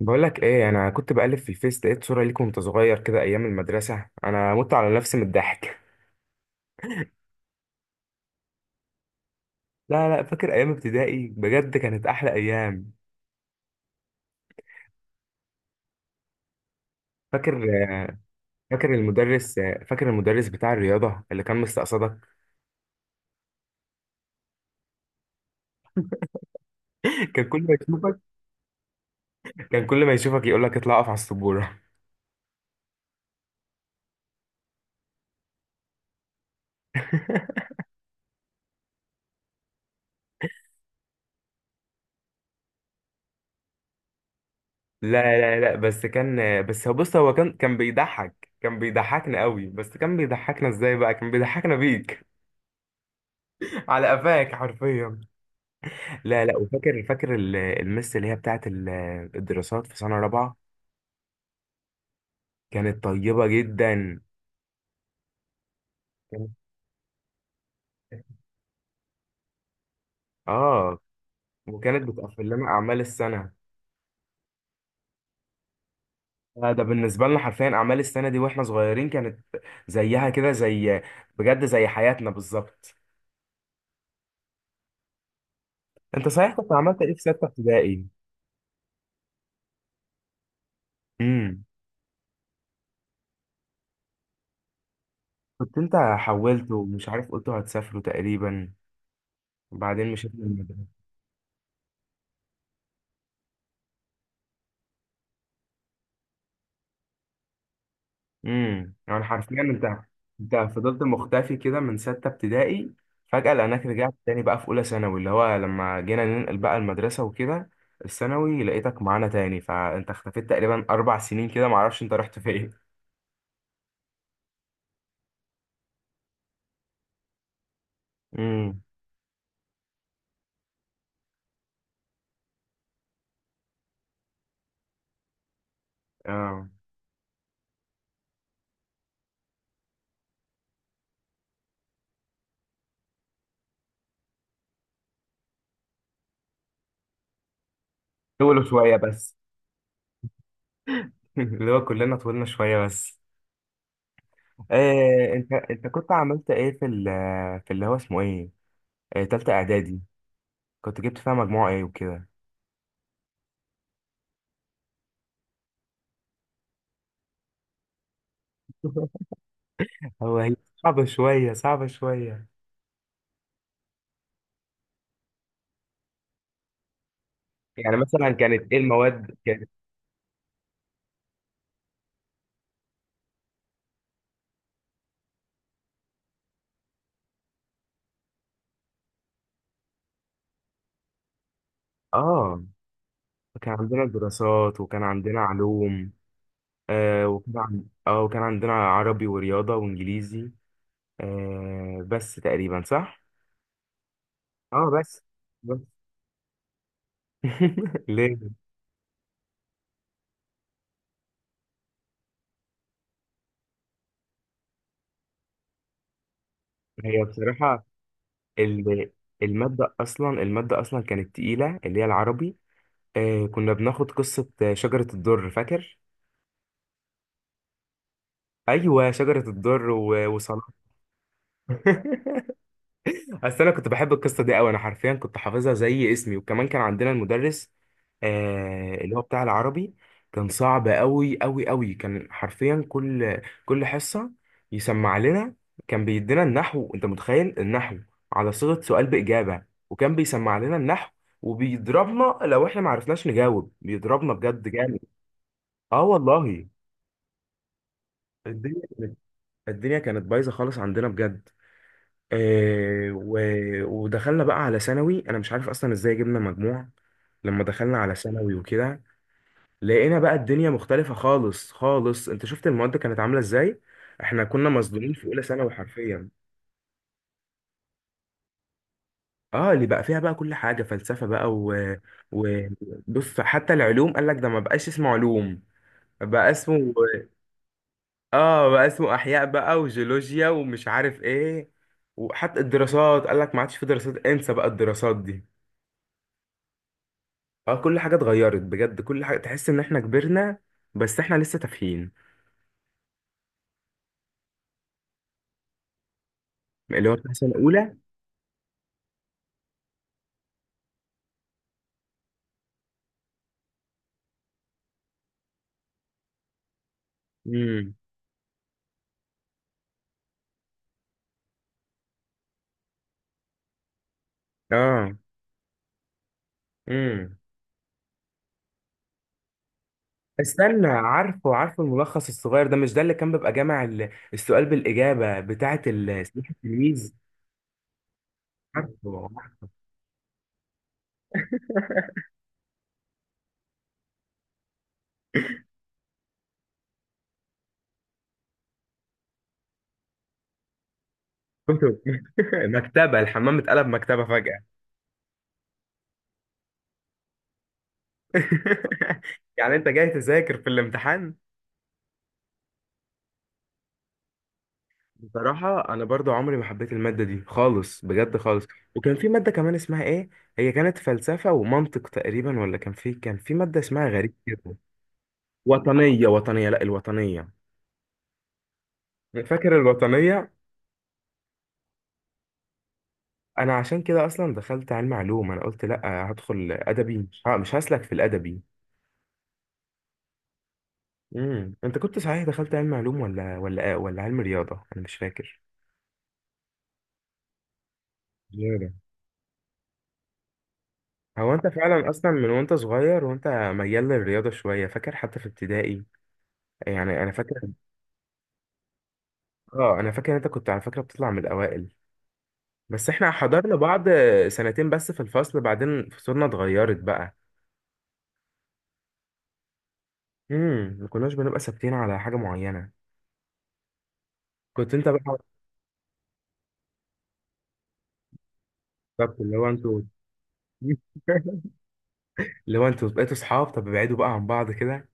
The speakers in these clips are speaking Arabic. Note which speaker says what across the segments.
Speaker 1: بقولك ايه، انا كنت بقلب في الفيس لقيت صورة ليك وانت صغير كده ايام المدرسة. انا مت على نفسي من الضحك. لا لا، فاكر ايام ابتدائي بجد كانت احلى ايام. فاكر فاكر المدرس فاكر المدرس بتاع الرياضة اللي كان مستقصدك. كان كل ما يشوفك كان كل ما يشوفك يقولك اطلع اقف على السبورة. لا لا لا، بس هو بص هو كان بيضحك، كان بيضحكنا قوي، بس كان بيضحكنا ازاي بقى، كان بيضحكنا بيك. على قفاك حرفيا. لا لا، وفاكر المس اللي هي بتاعت الدراسات في سنة رابعة. كانت طيبة جدا. كانت- اه وكانت بتقفل لنا أعمال السنة. ده بالنسبة لنا حرفيا أعمال السنة دي، واحنا صغيرين كانت زيها كده، زي، بجد زي حياتنا بالظبط. انت صحيح كنت عملت ايه في ستة ابتدائي؟ امم. كنت انت حولت ومش عارف، قلتوا هتسافروا تقريبا وبعدين مشيت من المدرسة. يعني حرفيا انت فضلت مختفي كده من ستة ابتدائي. فجأة لقيناك رجعت تاني بقى في أولى ثانوي، اللي هو لما جينا ننقل بقى المدرسة وكده. الثانوي لقيتك معانا تاني، فأنت اختفيت تقريبا 4 سنين كده، معرفش أنت رحت فين. امم. اه. طولوا شوية بس. اللي هو كلنا طولنا شوية بس. إيه، أنت كنت عملت إيه في في اللي هو اسمه إيه؟ تالتة إعدادي. كنت جبت فيها مجموعة إيه وكده؟ هي صعبة شوية، صعبة شوية. يعني مثلا كانت ايه المواد، اه كان عندنا دراسات وكان عندنا علوم. آه وكان عن... اه وكان عندنا عربي ورياضة وانجليزي. بس تقريبا صح. اه، بس ليه؟ هي بصراحة ال... المادة اصلا كانت تقيلة، اللي هي العربي. كنا بناخد قصة شجرة الضر، فاكر؟ ايوه، شجرة الضر و... وصلاح. بس انا كنت بحب القصه دي قوي، انا حرفيا كنت حافظها زي اسمي. وكمان كان عندنا المدرس، اللي هو بتاع العربي. كان صعب قوي قوي قوي، كان حرفيا كل حصه يسمع لنا. كان بيدينا النحو، انت متخيل النحو على صيغه سؤال باجابه، وكان بيسمع لنا النحو، وبيضربنا لو احنا ما عرفناش نجاوب، بيضربنا بجد جامد. اه والله. الدنيا الدنيا كانت بايظه خالص عندنا بجد. آه، و- ودخلنا بقى على ثانوي، انا مش عارف اصلا ازاي جبنا مجموع. لما دخلنا على ثانوي وكده، لقينا بقى الدنيا مختلفة خالص خالص. انت شفت المواد كانت عاملة ازاي، احنا كنا مصدومين في اولى ثانوي حرفيا. اه، اللي بقى فيها بقى كل حاجة فلسفة بقى و... بص حتى العلوم قال لك ده ما بقاش اسمه علوم، بقى اسمه. اه، بقى اسمه احياء بقى وجيولوجيا ومش عارف ايه. وحتى الدراسات قال لك ما عادش في دراسات، انسى بقى الدراسات دي. اه، كل حاجة اتغيرت بجد، كل حاجة تحس ان احنا كبرنا، بس احنا لسه تافهين. اللي هو بتاع سنة اولى. امم. اه. امم. استنى، عارفه الملخص الصغير ده، مش ده اللي كان بيبقى جامع السؤال بالإجابة بتاعة سلاح التلميذ؟ عارفه. كتب. مكتبة الحمام اتقلب مكتبة فجأة. يعني انت جاي تذاكر في الامتحان؟ بصراحة أنا برضو عمري ما حبيت المادة دي خالص، بجد خالص. وكان في مادة كمان اسمها إيه، هي كانت فلسفة ومنطق تقريبا، ولا كان في مادة اسمها غريب كده؟ وطنية، وطنية. لا، الوطنية. فاكر الوطنية؟ أنا عشان كده أصلا دخلت علم علوم، أنا قلت لا، هدخل أدبي، مش هسلك في الأدبي. أنت كنت صحيح دخلت علم علوم، ولا ولا علم رياضة، أنا مش فاكر. رياضة. هو انت فعلا اصلا من وانت صغير، وانت ميال للرياضه شويه، فاكر حتى في ابتدائي، يعني انا فاكر. اه، انا فاكر إن انت كنت على فكره بتطلع من الاوائل. بس احنا حضرنا بعض سنتين بس في الفصل، بعدين فصولنا اتغيرت بقى. ما كناش بنبقى ثابتين على حاجه معينه. كنت انت بقى. بالظبط، اللي هو انتوا. اللي هو انتوا بقيتوا صحاب، طب ابعدوا بقى عن بعض كده.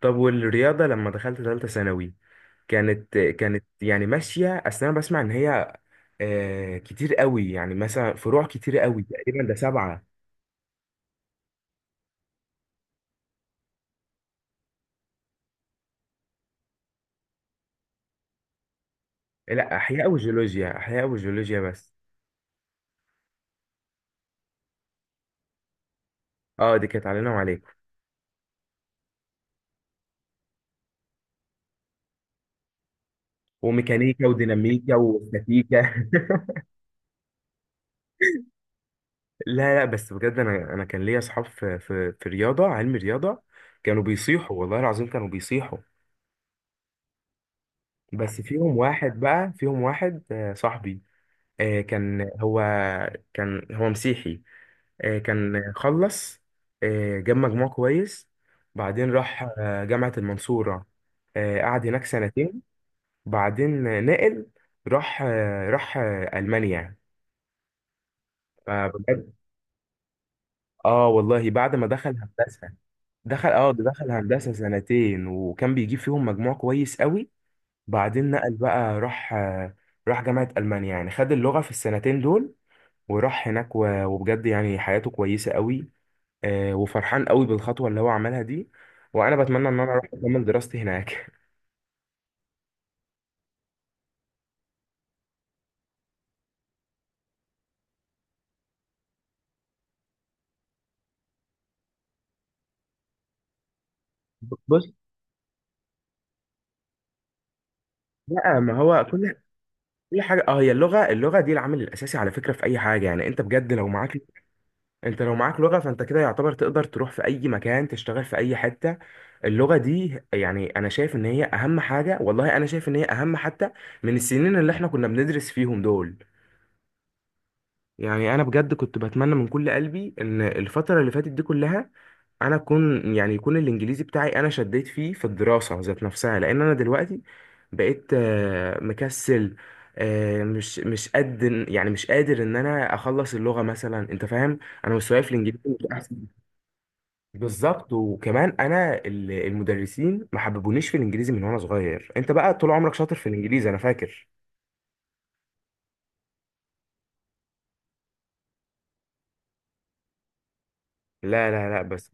Speaker 1: طب والرياضه لما دخلت ثالثه ثانوي، كانت يعني ماشيه، اصل انا بسمع ان هي كتير قوي، يعني مثلا فروع كتير قوي، تقريبا ده 7. لا، احياء وجيولوجيا، احياء وجيولوجيا بس. اه، دي كانت علينا وعليك. وميكانيكا وديناميكا واستاتيكا. لا لا، بس بجد انا كان ليا اصحاب في في رياضه، علم رياضه. كانوا بيصيحوا والله العظيم، كانوا بيصيحوا. بس فيهم واحد بقى فيهم واحد، صاحبي. آه، كان هو كان هو مسيحي. كان خلص، جاب مجموع كويس. بعدين راح جامعه المنصوره، قعد هناك سنتين. بعدين نقل، راح المانيا. فبجد. اه والله، بعد ما دخل هندسه. دخل اه ده دخل هندسه سنتين وكان بيجيب فيهم مجموع كويس قوي. بعدين نقل بقى، راح جامعه المانيا، يعني خد اللغه في السنتين دول. وراح هناك و- وبجد يعني حياته كويسه قوي. وفرحان قوي بالخطوه اللي هو عملها دي. وانا بتمنى ان انا اروح اكمل دراستي هناك. بص لا، ما هو كل حاجه، هي اللغه، دي العامل الاساسي على فكره في اي حاجه. يعني انت بجد لو معاك، لو معاك لغة، فانت كده يعتبر تقدر تروح في اي مكان، تشتغل في اي حتة. اللغة دي يعني انا شايف ان هي اهم حاجة والله، انا شايف ان هي اهم، حتى من السنين اللي احنا كنا بندرس فيهم دول. يعني انا بجد كنت بتمنى من كل قلبي ان الفترة اللي فاتت دي كلها، انا اكون، يعني يكون الانجليزي بتاعي، انا شديت فيه في الدراسة ذات نفسها، لان انا دلوقتي بقيت مكسل، مش قد. يعني مش قادر ان انا اخلص اللغة مثلا، انت فاهم، انا مستواي في الانجليزي مش احسن. بالظبط، وكمان انا المدرسين ما حببونيش في الانجليزي من وانا صغير. انت بقى طول عمرك شاطر في الانجليزي، انا فاكر. لا لا لا، بس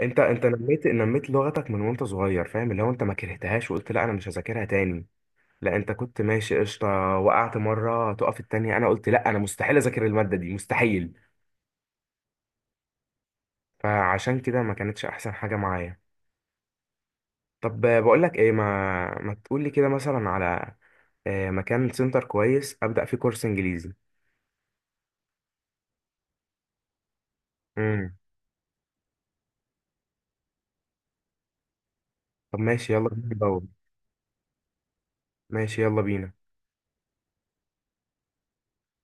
Speaker 1: انت نميت لغتك من وانت صغير، فاهم، اللي هو انت ما كرهتهاش وقلت لا، انا مش هذاكرها تاني. لا، انت كنت ماشي قشطه. وقعت مره تقف التانية، انا قلت لا، انا مستحيل اذاكر الماده دي، مستحيل. فعشان كده ما كانتش احسن حاجه معايا. طب بقول لك ايه، ما تقول لي كده مثلا على مكان سنتر كويس، ابدا فيه كورس انجليزي. امم. طب ماشي، يلا بينا دور. ماشي، يلا بينا.